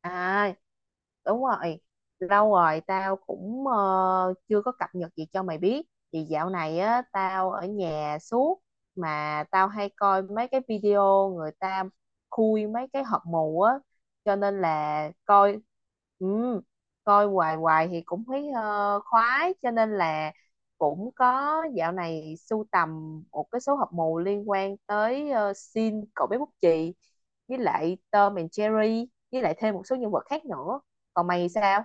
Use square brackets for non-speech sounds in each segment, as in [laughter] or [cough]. À, đúng rồi, lâu rồi tao cũng chưa có cập nhật gì cho mày biết. Thì dạo này á tao ở nhà suốt, mà tao hay coi mấy cái video người ta khui mấy cái hộp mù á, cho nên là coi. Ừ, coi hoài hoài thì cũng thấy khoái, cho nên là cũng có dạo này sưu tầm một cái số hộp mù liên quan tới Sin cậu bé bút chì, với lại Tom and Jerry, với lại thêm một số nhân vật khác nữa. Còn mày sao?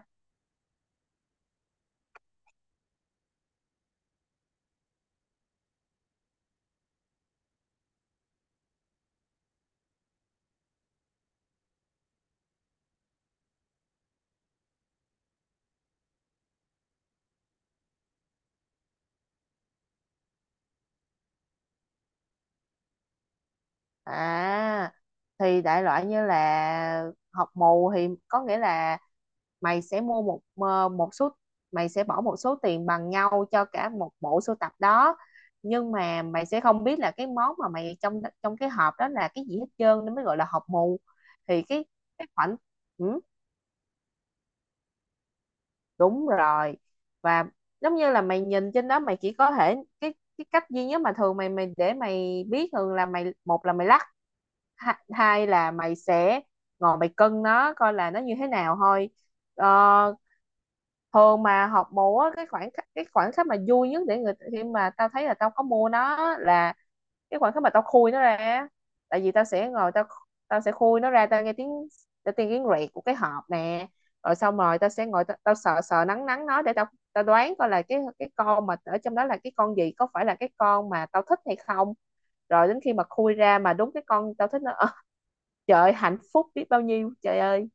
À, thì đại loại như là học mù thì có nghĩa là mày sẽ mua một một số, mày sẽ bỏ một số tiền bằng nhau cho cả một bộ sưu tập đó. Nhưng mà mày sẽ không biết là cái món mà mày trong trong cái hộp đó là cái gì hết trơn, nên mới gọi là hộp mù. Thì cái khoản. Ừ, đúng rồi. Và giống như là mày nhìn trên đó mày chỉ có thể, cái cách duy nhất mà thường mày mày để mày biết, thường là mày, một là mày lắc, hai là mày sẽ ngồi mày cân nó coi là nó như thế nào thôi. ờ, Thường mà học múa, cái khoảng khắc mà vui nhất để người khi mà tao thấy là tao có mua nó là cái khoảnh khắc mà tao khui nó ra á. Tại vì tao sẽ ngồi tao tao sẽ khui nó ra, tao nghe tiếng, tao nghe tiếng rẹt của cái hộp nè. Rồi xong rồi tao sẽ ngồi tao, sờ sờ nắng nắng nó để tao tao đoán coi là cái con mà ở trong đó là cái con gì, có phải là cái con mà tao thích hay không. Rồi đến khi mà khui ra mà đúng cái con tao thích nó, trời ơi, hạnh phúc biết bao nhiêu trời ơi!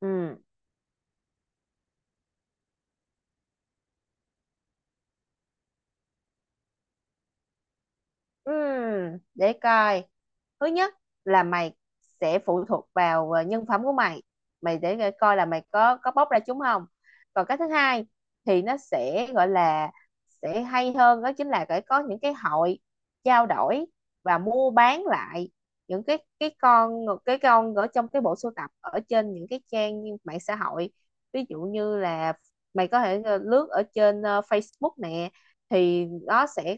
Ừ. Ừm, để coi, thứ nhất là mày sẽ phụ thuộc vào nhân phẩm của mày, mày để coi coi là mày có bóc ra chúng không. Còn cái thứ hai thì nó sẽ gọi là sẽ hay hơn, đó chính là phải có những cái hội trao đổi và mua bán lại những cái con ở trong cái bộ sưu tập ở trên những cái trang như mạng xã hội. Ví dụ như là mày có thể lướt ở trên Facebook nè. Thì nó sẽ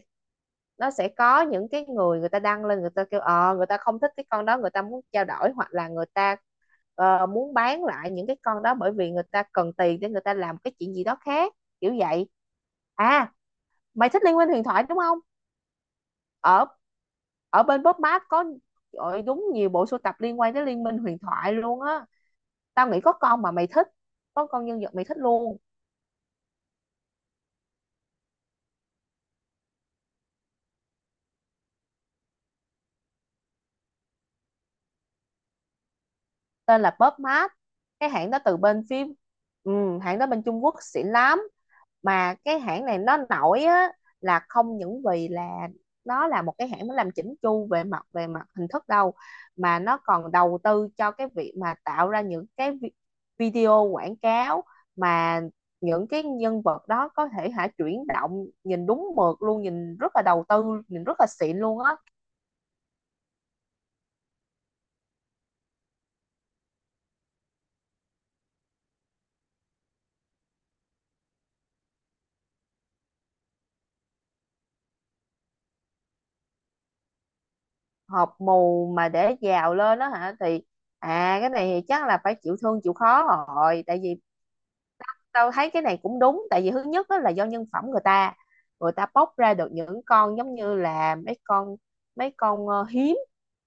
nó sẽ có những cái người người ta đăng lên, người ta kêu người ta không thích cái con đó, người ta muốn trao đổi hoặc là người ta muốn bán lại những cái con đó, bởi vì người ta cần tiền để người ta làm cái chuyện gì đó khác, kiểu vậy. À, mày thích liên minh huyền thoại đúng không? Ở ở bên Pop Mart có, ôi, đúng nhiều bộ sưu tập liên quan tới liên minh huyền thoại luôn á. Tao nghĩ có con mà mày thích, có con nhân vật mày thích luôn. Tên là Pop Mart, cái hãng đó từ bên phim. Ừ, hãng đó bên Trung Quốc xịn lắm. Mà cái hãng này nó nổi á, là không những vì là nó là một cái hãng nó làm chỉnh chu về mặt hình thức đâu, mà nó còn đầu tư cho cái việc mà tạo ra những cái video quảng cáo, mà những cái nhân vật đó có thể hả chuyển động nhìn đúng mượt luôn, nhìn rất là đầu tư, nhìn rất là xịn luôn á. Hộp mù mà để giàu lên đó hả? Thì à, cái này thì chắc là phải chịu thương chịu khó rồi, tại vì tao thấy cái này cũng đúng, tại vì thứ nhất đó là do nhân phẩm người ta. Người ta bóc ra được những con giống như là mấy con hiếm,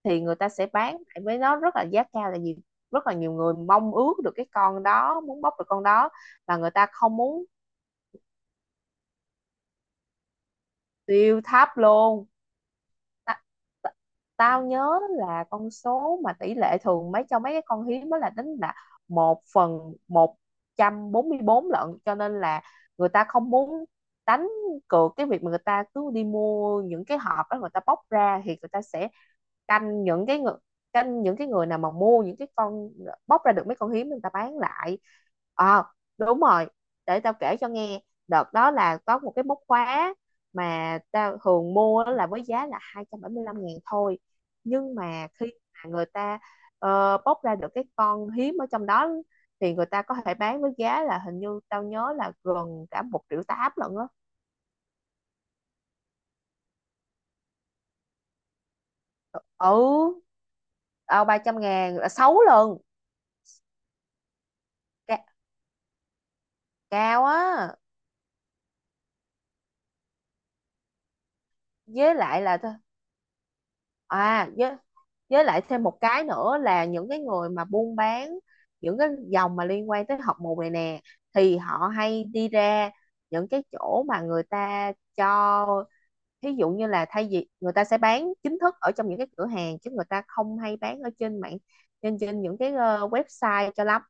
thì người ta sẽ bán lại với, nó rất là giá cao, tại vì rất là nhiều người mong ước được cái con đó, muốn bóc được con đó, và người ta không muốn. Tiêu thấp luôn. Ta- ta- Tao nhớ là con số mà tỷ lệ thường mấy cho mấy cái con hiếm đó là tính là 1/144 lận, cho nên là người ta không muốn đánh cược cái việc mà người ta cứ đi mua những cái hộp đó, người ta bóc ra thì người ta sẽ canh những cái người canh những cái người nào mà mua những cái con, bóc ra được mấy con hiếm, người ta bán lại. À, đúng rồi, để tao kể cho nghe. Đợt đó là có một cái móc khóa mà tao thường mua á, là với giá là 275.000 thôi. Nhưng mà khi mà người ta bóc ra được cái con hiếm ở trong đó, thì người ta có thể bán với giá là, hình như tao nhớ là gần cả 1,8 triệu lận á. Ừ, tao, 300.000 là 6 lần. Ca- Cao á. Với lại là thôi. À với lại thêm một cái nữa là những cái người mà buôn bán những cái dòng mà liên quan tới học mù này nè, thì họ hay đi ra những cái chỗ mà người ta cho, thí dụ như là thay vì người ta sẽ bán chính thức ở trong những cái cửa hàng chứ người ta không hay bán ở trên mạng, trên trên những cái website cho lắm,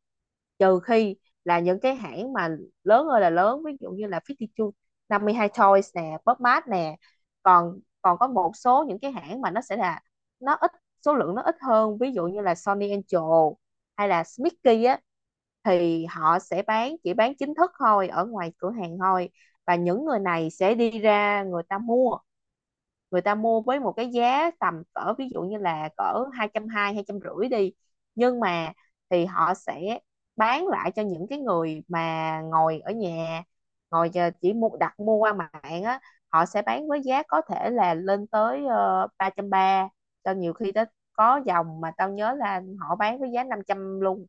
trừ khi là những cái hãng mà lớn ơi là lớn, ví dụ như là 52 52 Toys nè, Pop Mart nè. Còn còn có một số những cái hãng mà nó sẽ là nó ít, số lượng nó ít hơn, ví dụ như là Sony Angel hay là Smicky á, thì họ sẽ bán chỉ bán chính thức thôi ở ngoài cửa hàng thôi. Và những người này sẽ đi ra người ta mua với một cái giá tầm cỡ, ví dụ như là cỡ 220, 250 đi, nhưng mà thì họ sẽ bán lại cho những cái người mà ngồi ở nhà, chỉ mua, đặt mua qua mạng á. Họ sẽ bán với giá có thể là lên tới 330, cho nhiều khi tới có dòng mà tao nhớ là họ bán với giá 500 luôn.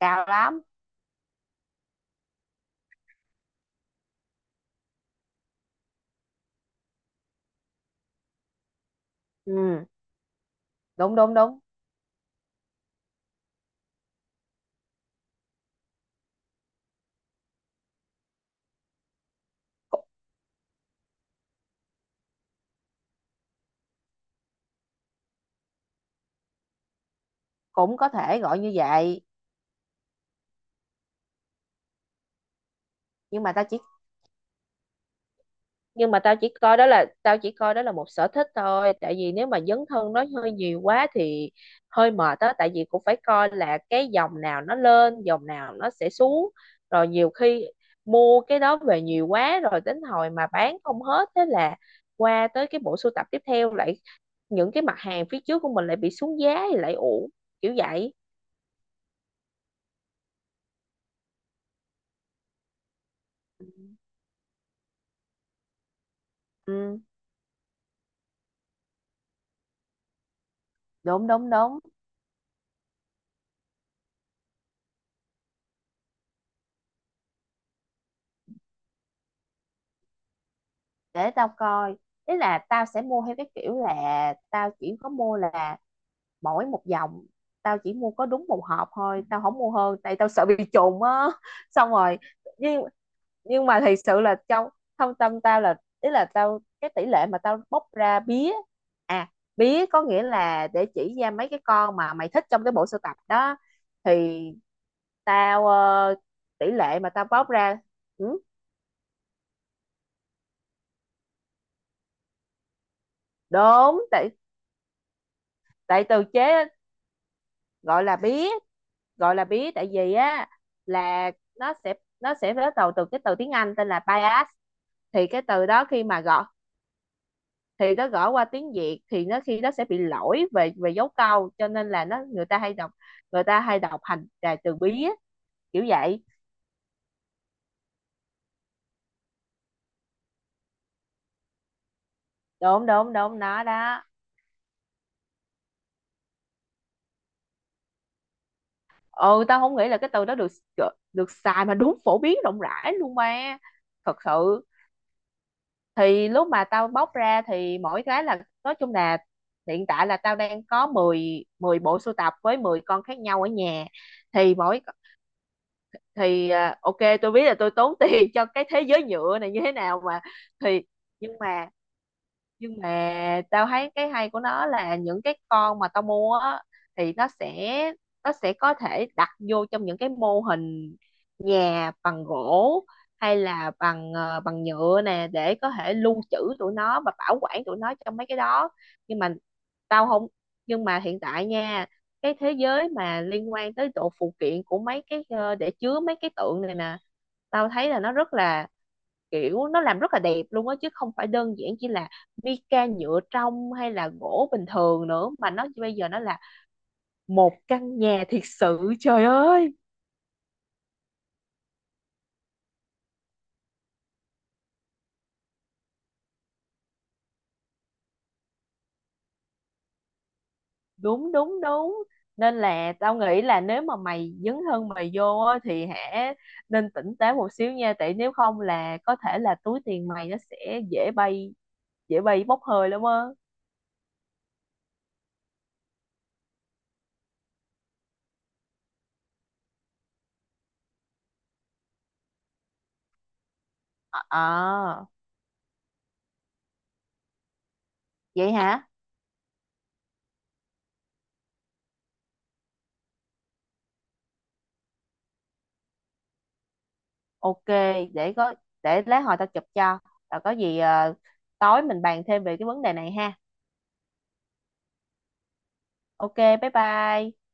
Cao lắm. Ừ, đúng đúng đúng, cũng cũng có thể gọi như vậy. nhưng mà tao chỉ nhưng mà tao chỉ coi đó là một sở thích thôi, tại vì nếu mà dấn thân nó hơi nhiều quá thì hơi mệt á. Tại vì cũng phải coi là cái dòng nào nó lên, dòng nào nó sẽ xuống, rồi nhiều khi mua cái đó về nhiều quá rồi đến hồi mà bán không hết, thế là qua tới cái bộ sưu tập tiếp theo lại, những cái mặt hàng phía trước của mình lại bị xuống giá thì lại uổng, kiểu vậy. Ừ, đúng đúng đúng. Để tao coi, ý là tao sẽ mua theo cái kiểu là tao chỉ có mua là mỗi một dòng, tao chỉ mua có đúng một hộp thôi, tao không mua hơn tại tao sợ bị trùng á [laughs] xong rồi. Nhưng nhưng mà thật sự là trong thâm tâm tao là, ý là tao, cái tỷ lệ mà tao bóc ra bía. À, bía có nghĩa là để chỉ ra mấy cái con mà mày thích trong cái bộ sưu tập đó, thì tao ờ, tỷ lệ mà tao bóc ra. Ừ, đúng, tại tại từ chế. Gọi là bía, gọi là bí tại vì á là nó sẽ nó sẽ bắt đầu từ cái từ tiếng Anh tên là bias. Thì cái từ đó khi mà gõ, thì nó gõ qua tiếng Việt thì nó khi nó sẽ bị lỗi về về dấu câu, cho nên là nó, người ta hay đọc thành là từ bí á, kiểu vậy. Đúng đúng đúng nó đó. Ừ, tao không nghĩ là cái từ đó được được xài mà đúng phổ biến rộng rãi luôn ba. Thật sự thì lúc mà tao bóc ra thì mỗi cái là, nói chung là, hiện tại là tao đang có 10 10 bộ sưu tập với 10 con khác nhau ở nhà. Thì mỗi thì, à, ok tôi biết là tôi tốn [laughs] tiền cho cái thế giới nhựa này như thế nào mà. Thì nhưng mà nhưng mà tao thấy cái hay của nó là những cái con mà tao mua á, thì nó sẽ có thể đặt vô trong những cái mô hình nhà bằng gỗ hay là bằng nhựa nè, để có thể lưu trữ tụi nó và bảo quản tụi nó trong mấy cái đó. Nhưng mà tao không Nhưng mà hiện tại nha, cái thế giới mà liên quan tới độ phụ kiện của mấy cái để chứa mấy cái tượng này nè, tao thấy là nó rất là, kiểu nó làm rất là đẹp luôn á, chứ không phải đơn giản chỉ là Vika nhựa trong hay là gỗ bình thường nữa, mà nó bây giờ nó là một căn nhà thiệt sự trời ơi! Đúng đúng đúng. Nên là tao nghĩ là nếu mà mày dấn thân mày vô á, thì hãy nên tỉnh táo một xíu nha, tại nếu không là có thể là túi tiền mày nó sẽ dễ bay, dễ bay bốc hơi lắm á. À, vậy hả, ok. để có để lát hồi tao chụp cho, rồi có gì tối mình bàn thêm về cái vấn đề này ha. Ok, bye bye.